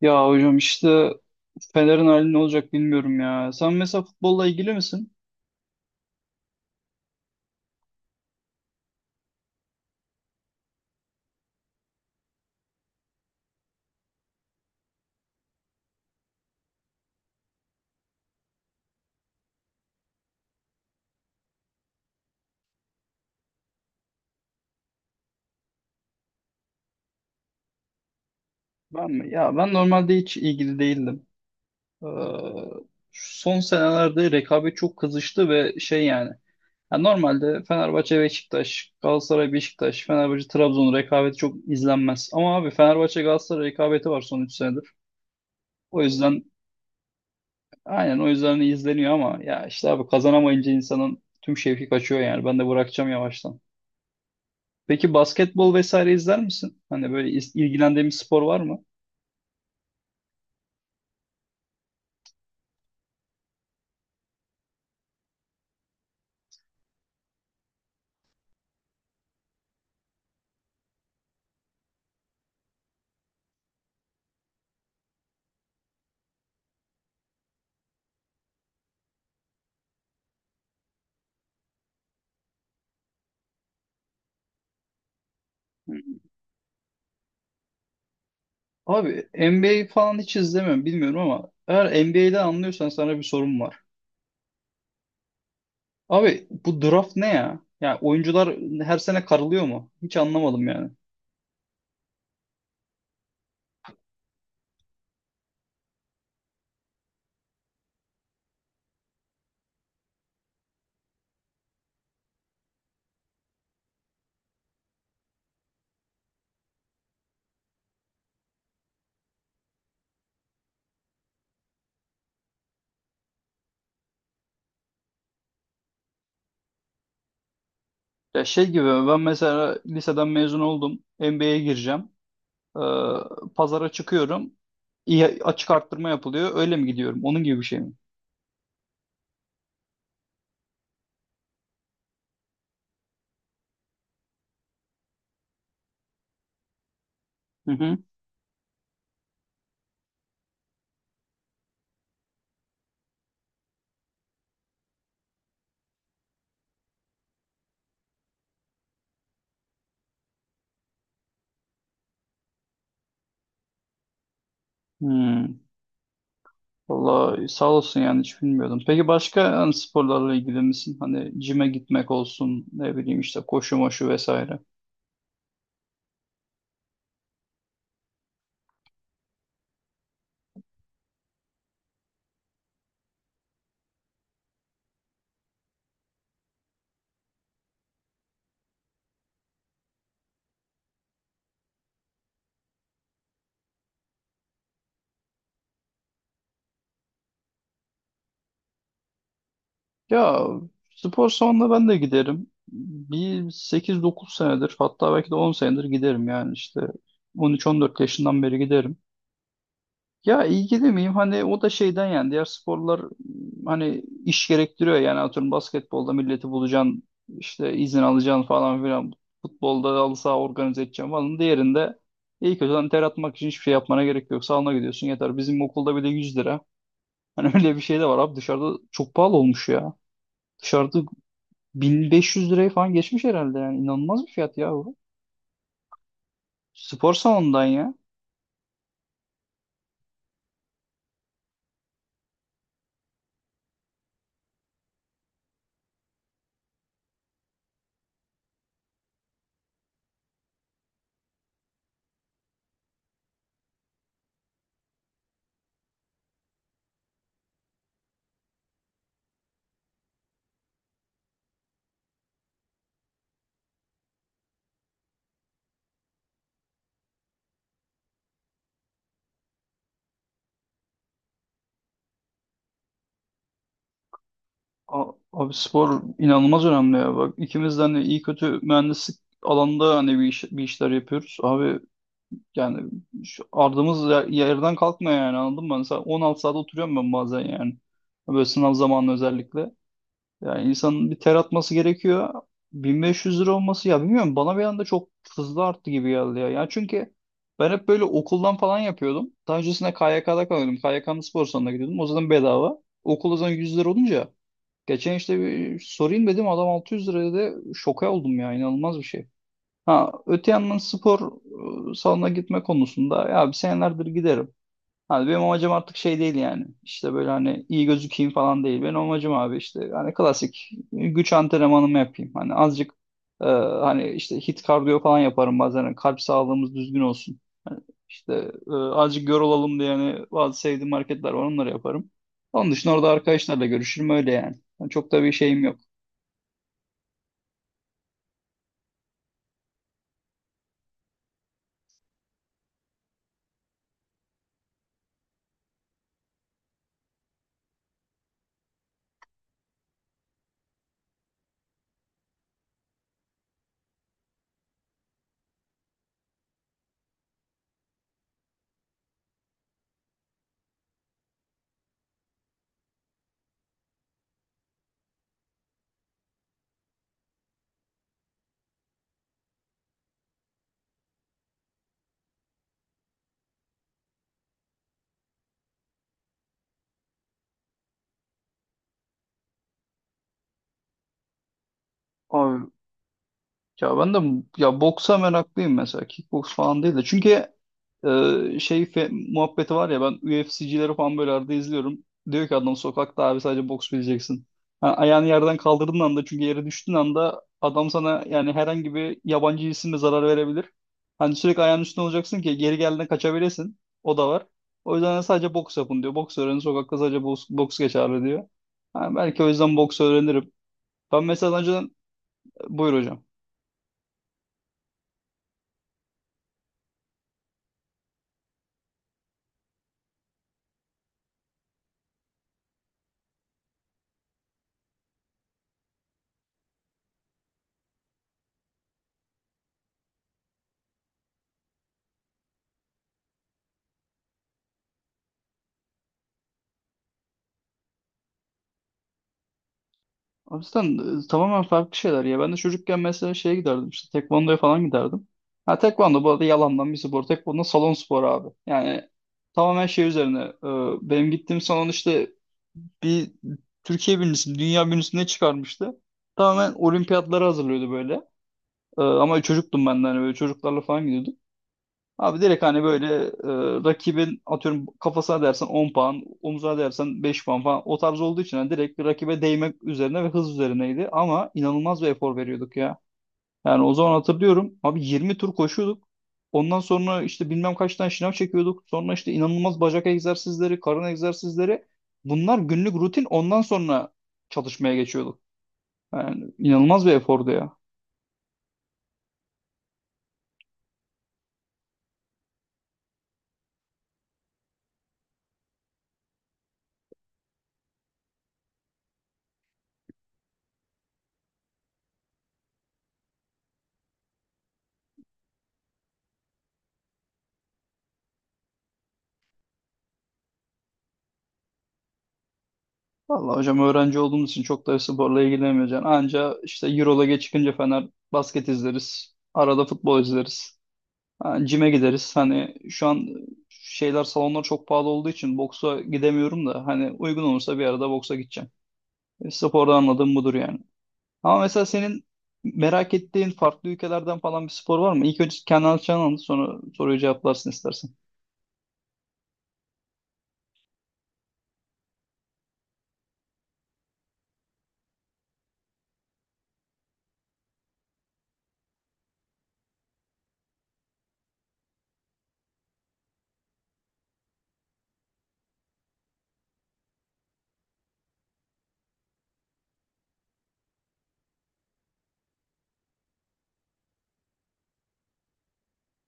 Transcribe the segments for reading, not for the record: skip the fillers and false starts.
Ya hocam işte Fener'in hali ne olacak bilmiyorum ya. Sen mesela futbolla ilgili misin? Ben mi? Ya ben normalde hiç ilgili değildim. Ee, Son senelerde rekabet çok kızıştı ve şey yani. Ya normalde Fenerbahçe Beşiktaş, Galatasaray Beşiktaş, Fenerbahçe Trabzon rekabeti çok izlenmez. Ama abi Fenerbahçe Galatasaray rekabeti var son 3 senedir. O yüzden aynen o yüzden izleniyor ama ya işte abi kazanamayınca insanın tüm şevki kaçıyor yani. Ben de bırakacağım yavaştan. Peki basketbol vesaire izler misin? Hani böyle ilgilendiğin bir spor var mı? Abi NBA falan hiç izlemiyorum bilmiyorum ama eğer NBA'de anlıyorsan sana bir sorum var. Abi bu draft ne ya? Yani oyuncular her sene karılıyor mu? Hiç anlamadım yani. Ya şey gibi ben mesela liseden mezun oldum. NBA'ye gireceğim. Ee, Pazara çıkıyorum. İyi, açık arttırma yapılıyor. Öyle mi gidiyorum? Onun gibi bir şey mi? Hı hı. Hmm. Vallahi sağ olsun yani hiç bilmiyordum. Peki başka hani sporlarla ilgili misin? Hani cime gitmek olsun, ne bileyim işte koşu moşu vesaire. Ya spor salonuna ben de giderim. Bir 8-9 senedir, hatta belki de 10 senedir giderim yani işte 13-14 yaşından beri giderim. Ya ilgili miyim? Hani o da şeyden yani diğer sporlar hani iş gerektiriyor yani, atıyorum basketbolda milleti bulacaksın, işte izin alacaksın falan filan, futbolda halı saha organize edeceksin falan, diğerinde iyi kötü hani ter atmak için hiçbir şey yapmana gerek yok, salona gidiyorsun yeter. Bizim okulda bile 100 lira, hani öyle bir şey de var. Abi dışarıda çok pahalı olmuş ya, dışarıda 1500 lirayı falan geçmiş herhalde, yani inanılmaz bir fiyat ya bu. Spor salonundan ya. Abi spor inanılmaz önemli ya. Bak ikimiz de hani iyi kötü mühendislik alanında hani bir, bir işler yapıyoruz. Abi yani şu ardımız yerden kalkmıyor yani, anladın mı? Mesela 16 saat oturuyorum ben bazen yani. Böyle sınav zamanı özellikle. Yani insanın bir ter atması gerekiyor. 1.500 lira olması ya bilmiyorum, bana bir anda çok hızlı arttı gibi geldi ya. Yani çünkü ben hep böyle okuldan falan yapıyordum. Daha öncesinde KYK'da kalıyordum. KYK'nın spor salonuna gidiyordum. O zaman bedava. Okul o zaman 100 lira olunca, geçen işte bir sorayım dedim, adam 600 liraya, da şoka oldum ya, inanılmaz bir şey. Ha öte yandan spor salonuna gitme konusunda ya bir senelerdir giderim. Hani benim amacım artık şey değil yani. İşte böyle hani iyi gözükeyim falan değil. Benim amacım abi işte hani klasik güç antrenmanımı yapayım. Hani azıcık e, hani işte hit kardiyo falan yaparım bazen. Hani kalp sağlığımız düzgün olsun. Hani işte azıcık yorulalım diye hani bazı sevdiğim hareketler var, onları yaparım. Onun dışında orada arkadaşlarla görüşürüm, öyle yani. Yani çok da bir şeyim yok. Abi ya ben de ya boksa meraklıyım mesela. Kickboks falan değil de. Çünkü muhabbeti var ya, ben UFC'cileri falan böyle arada izliyorum. Diyor ki adam, sokakta abi sadece boks bileceksin. Ha, ayağını yerden kaldırdığın anda, çünkü yere düştüğün anda adam sana yani herhangi bir yabancı cisimle zarar verebilir. Hani sürekli ayağının üstünde olacaksın ki geri geldiğinde kaçabilesin. O da var. O yüzden sadece boks yapın diyor. Boks öğrenin, sokakta sadece boks, boks geçerli diyor. Ha, belki o yüzden boks öğrenirim. Ben mesela önceden, buyur hocam. Aslan tamamen farklı şeyler ya. Ben de çocukken mesela şeye giderdim, işte tekvandoya falan giderdim. Ha tekvando bu arada yalandan bir spor. Tekvando salon sporu abi. Yani tamamen şey üzerine. Benim gittiğim salon işte bir Türkiye birincisini, dünya birincisini ne çıkarmıştı. Tamamen olimpiyatlara hazırlıyordu böyle. Ama çocuktum ben de, hani böyle çocuklarla falan gidiyorduk. Abi direkt hani böyle rakibin atıyorum kafasına dersen 10 puan, omuzuna dersen 5 puan falan, o tarz olduğu için hani direkt rakibe değmek üzerine ve hız üzerineydi. Ama inanılmaz bir efor veriyorduk ya. Yani o zaman hatırlıyorum abi 20 tur koşuyorduk. Ondan sonra işte bilmem kaç tane şınav çekiyorduk. Sonra işte inanılmaz bacak egzersizleri, karın egzersizleri. Bunlar günlük rutin, ondan sonra çalışmaya geçiyorduk. Yani inanılmaz bir efordu ya. Vallahi hocam, öğrenci olduğumuz için çok da sporla ilgilenmeyeceksin. Anca işte Euroleague'e çıkınca Fener basket izleriz. Arada futbol izleriz. Ha, cime gideriz. Hani şu an şeyler, salonlar çok pahalı olduğu için boksa gidemiyorum da, hani uygun olursa bir arada boksa gideceğim. E, sporda anladığım budur yani. Ama mesela senin merak ettiğin farklı ülkelerden falan bir spor var mı? İlk önce kendi alacağını anlat, sonra soruyu cevaplarsın istersen.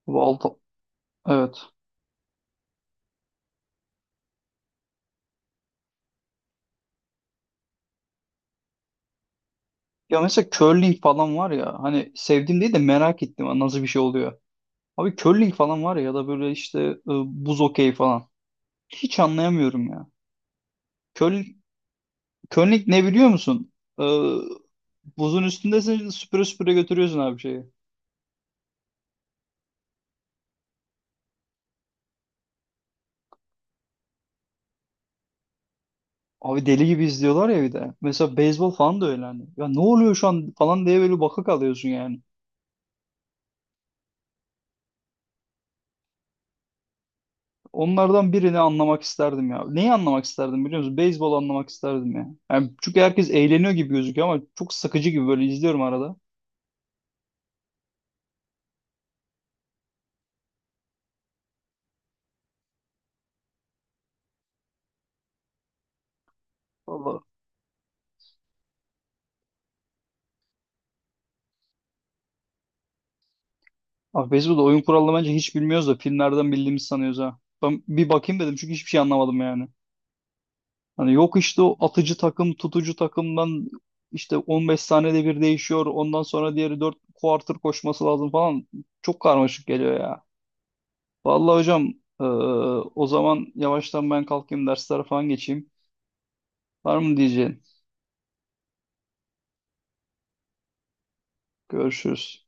Bu altı. Evet. Ya mesela curling falan var ya, hani sevdiğim değil de merak ettim nasıl bir şey oluyor. Abi curling falan var ya, ya da böyle işte buz okey falan. Hiç anlayamıyorum ya. Curling, curling ne biliyor musun? E, Buzun üstündesin, süpüre süpüre götürüyorsun abi şeyi. Abi deli gibi izliyorlar ya bir de. Mesela beyzbol falan da öyle hani. Ya ne oluyor şu an falan diye böyle baka kalıyorsun yani. Onlardan birini anlamak isterdim ya. Neyi anlamak isterdim biliyor musun? Beyzbol anlamak isterdim ya. Yani çünkü herkes eğleniyor gibi gözüküyor ama çok sıkıcı gibi, böyle izliyorum arada. Vallahi, abi beyzbolda oyun kuralını bence hiç bilmiyoruz da filmlerden bildiğimizi sanıyoruz ha. Ben bir bakayım dedim çünkü hiçbir şey anlamadım yani. Hani yok işte o atıcı takım, tutucu takımdan işte 15 saniyede bir değişiyor. Ondan sonra diğeri 4 quarter koşması lazım falan. Çok karmaşık geliyor ya. Vallahi hocam, eee, o zaman yavaştan ben kalkayım, derslere falan geçeyim. Var mı diyeceğin? Görüşürüz.